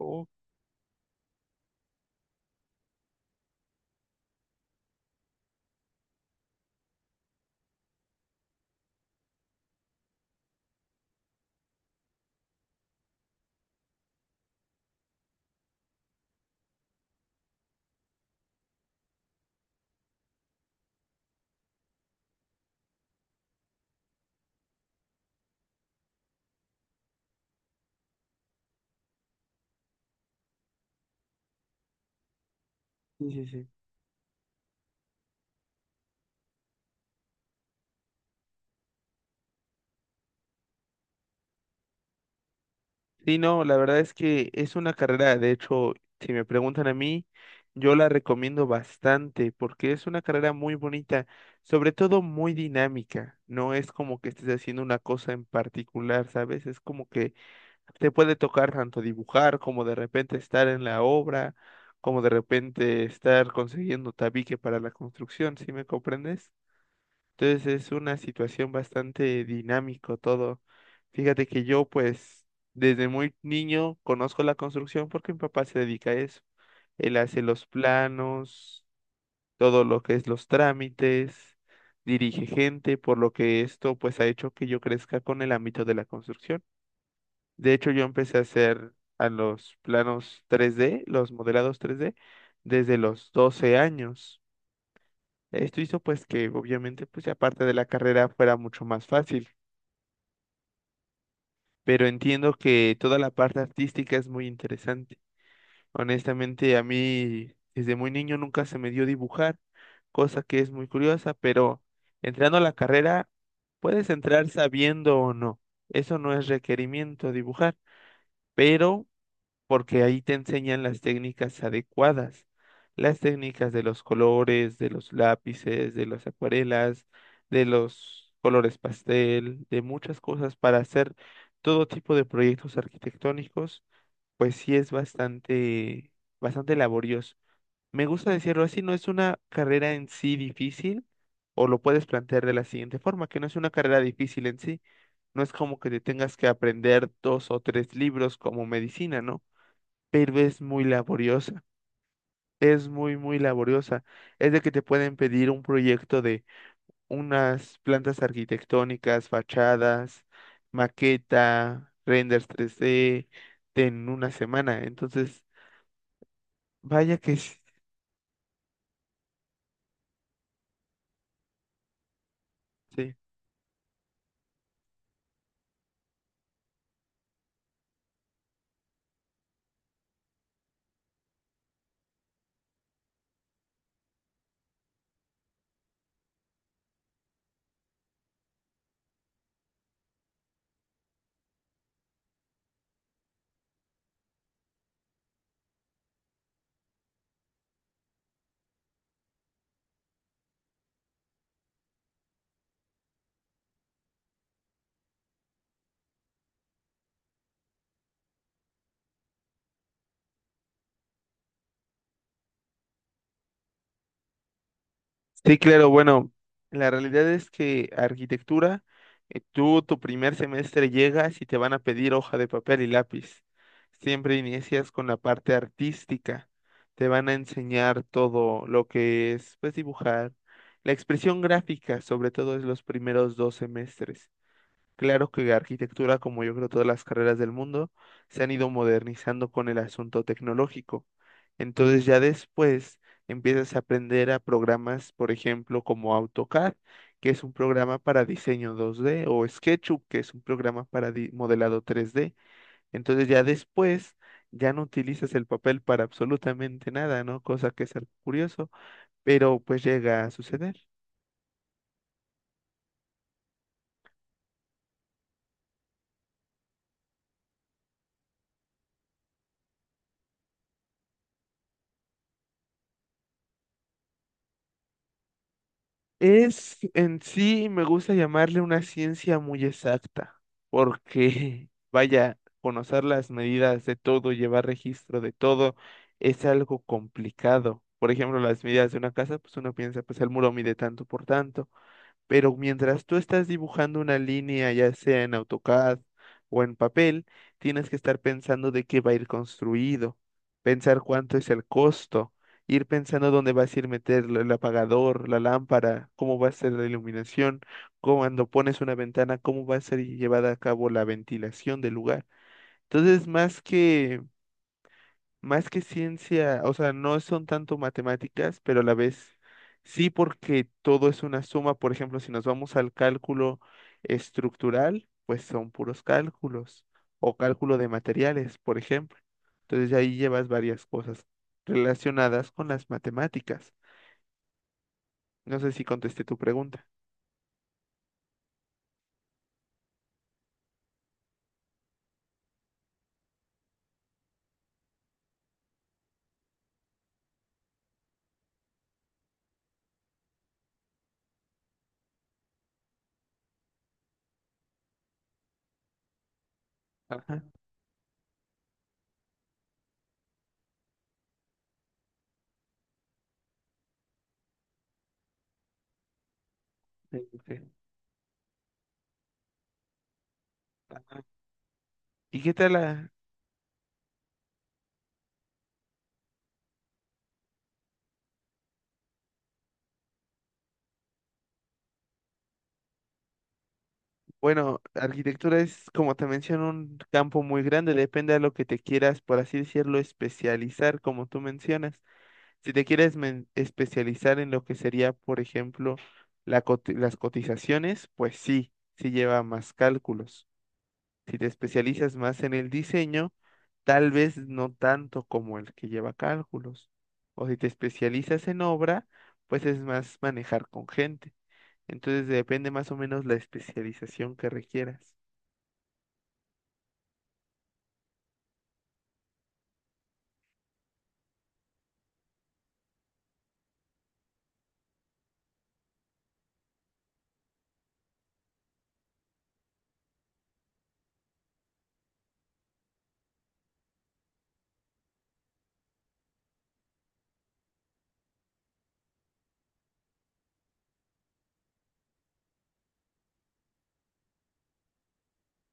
Oh, sí, sí, sí. Sí, no, la verdad es que es una carrera, de hecho, si me preguntan a mí, yo la recomiendo bastante porque es una carrera muy bonita, sobre todo muy dinámica. No es como que estés haciendo una cosa en particular, ¿sabes? Es como que te puede tocar tanto dibujar como de repente estar en la obra, como de repente estar consiguiendo tabique para la construcción, ¿sí me comprendes? Entonces es una situación bastante dinámico todo. Fíjate que yo pues desde muy niño conozco la construcción porque mi papá se dedica a eso. Él hace los planos, todo lo que es los trámites, dirige gente, por lo que esto pues ha hecho que yo crezca con el ámbito de la construcción. De hecho yo empecé a los planos 3D, los modelados 3D, desde los 12 años. Esto hizo pues que obviamente pues aparte de la carrera fuera mucho más fácil, pero entiendo que toda la parte artística es muy interesante. Honestamente, a mí desde muy niño nunca se me dio dibujar, cosa que es muy curiosa, pero entrando a la carrera, puedes entrar sabiendo o no. Eso no es requerimiento dibujar, pero porque ahí te enseñan las técnicas adecuadas, las técnicas de los colores, de los lápices, de las acuarelas, de los colores pastel, de muchas cosas para hacer todo tipo de proyectos arquitectónicos, pues sí es bastante, bastante laborioso. Me gusta decirlo así, no es una carrera en sí difícil, o lo puedes plantear de la siguiente forma, que no es una carrera difícil en sí, no es como que te tengas que aprender dos o tres libros como medicina, ¿no? Pero es muy laboriosa. Es muy, muy laboriosa. Es de que te pueden pedir un proyecto de unas plantas arquitectónicas, fachadas, maqueta, renders 3D en una semana. Entonces, vaya que sí. Sí. Sí, claro, bueno, la realidad es que arquitectura, tú tu primer semestre llegas y te van a pedir hoja de papel y lápiz. Siempre inicias con la parte artística. Te van a enseñar todo lo que es, pues, dibujar. La expresión gráfica, sobre todo, es los primeros dos semestres. Claro que la arquitectura, como yo creo todas las carreras del mundo, se han ido modernizando con el asunto tecnológico. Entonces ya después empiezas a aprender a programas, por ejemplo, como AutoCAD, que es un programa para diseño 2D, o SketchUp, que es un programa para modelado 3D. Entonces ya después ya no utilizas el papel para absolutamente nada, ¿no? Cosa que es algo curioso, pero pues llega a suceder. Es en sí, me gusta llamarle una ciencia muy exacta, porque vaya, conocer las medidas de todo, llevar registro de todo, es algo complicado. Por ejemplo, las medidas de una casa, pues uno piensa, pues el muro mide tanto por tanto. Pero mientras tú estás dibujando una línea, ya sea en AutoCAD o en papel, tienes que estar pensando de qué va a ir construido, pensar cuánto es el costo, ir pensando dónde vas a ir meter el apagador, la lámpara, cómo va a ser la iluminación, cuando pones una ventana, cómo va a ser llevada a cabo la ventilación del lugar. Entonces, más que ciencia, o sea, no son tanto matemáticas, pero a la vez sí porque todo es una suma. Por ejemplo, si nos vamos al cálculo estructural, pues son puros cálculos o cálculo de materiales, por ejemplo. Entonces ahí llevas varias cosas relacionadas con las matemáticas. No sé si contesté tu pregunta. Ajá. Sí, sí. ¿Y qué tal bueno, arquitectura es, como te menciono, un campo muy grande, depende de lo que te quieras, por así decirlo, especializar, como tú mencionas. Si te quieres especializar en lo que sería, por ejemplo, las cotizaciones, pues sí, sí lleva más cálculos. Si te especializas más en el diseño, tal vez no tanto como el que lleva cálculos. O si te especializas en obra, pues es más manejar con gente. Entonces depende más o menos la especialización que requieras.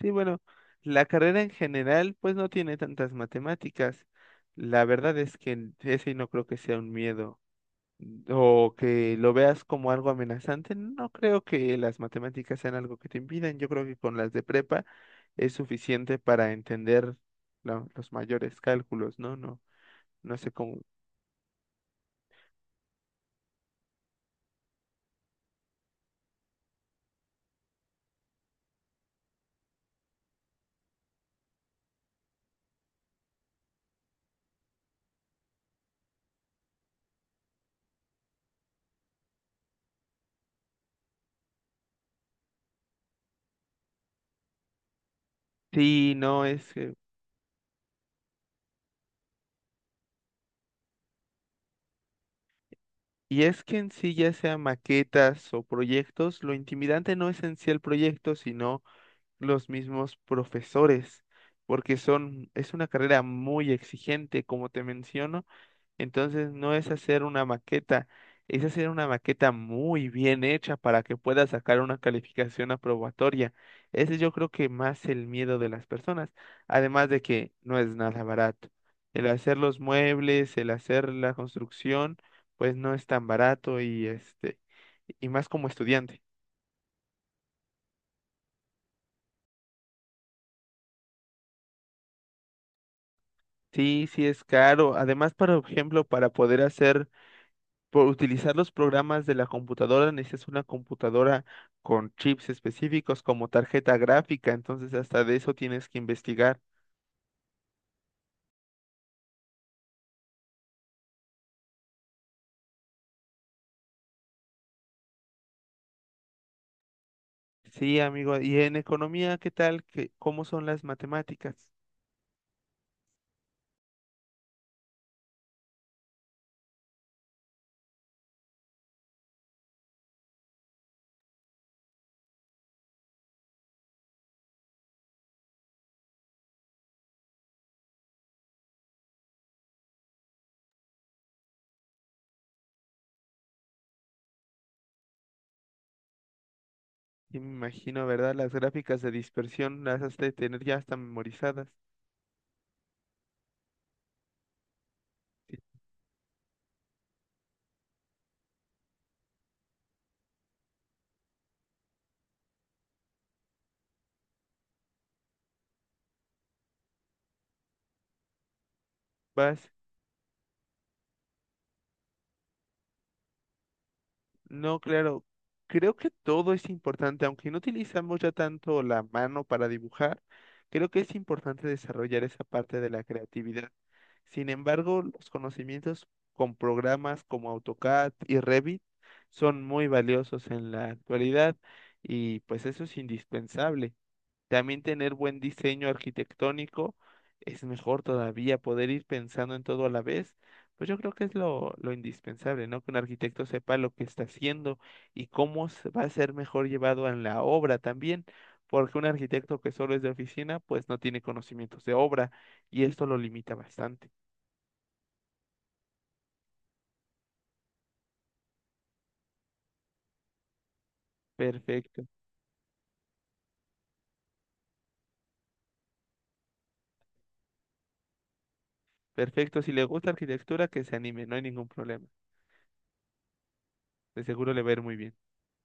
Sí, bueno, la carrera en general pues no tiene tantas matemáticas. La verdad es que ese no creo que sea un miedo o que lo veas como algo amenazante. No creo que las matemáticas sean algo que te impidan. Yo creo que con las de prepa es suficiente para entender los mayores cálculos, ¿no? No, no sé cómo. Sí, no es que... Y es que en sí ya sea maquetas o proyectos, lo intimidante no es en sí el proyecto, sino los mismos profesores, porque son, es una carrera muy exigente, como te menciono, entonces no es hacer una maqueta, es hacer una maqueta muy bien hecha para que pueda sacar una calificación aprobatoria. Ese yo creo que más el miedo de las personas, además de que no es nada barato. El hacer los muebles, el hacer la construcción, pues no es tan barato y este, y más como estudiante. Sí, sí es caro. Además, por ejemplo, para poder hacer, por utilizar los programas de la computadora, necesitas una computadora con chips específicos como tarjeta gráfica, entonces hasta de eso tienes que investigar. Sí, amigo. ¿Y en economía, qué tal? ¿Qué, cómo son las matemáticas? Sí, me imagino, ¿verdad? Las gráficas de dispersión las has de tener ya hasta memorizadas. Sí, Vas no, claro. Creo que todo es importante, aunque no utilizamos ya tanto la mano para dibujar, creo que es importante desarrollar esa parte de la creatividad. Sin embargo, los conocimientos con programas como AutoCAD y Revit son muy valiosos en la actualidad y pues eso es indispensable. También tener buen diseño arquitectónico es mejor todavía, poder ir pensando en todo a la vez. Pues yo creo que es lo indispensable, ¿no? Que un arquitecto sepa lo que está haciendo y va a ser mejor llevado en la obra también, porque un arquitecto que solo es de oficina, pues no tiene conocimientos de obra y esto lo limita bastante. Perfecto, perfecto. Si le gusta arquitectura, que se anime, no hay ningún problema. De seguro le va a ir muy bien.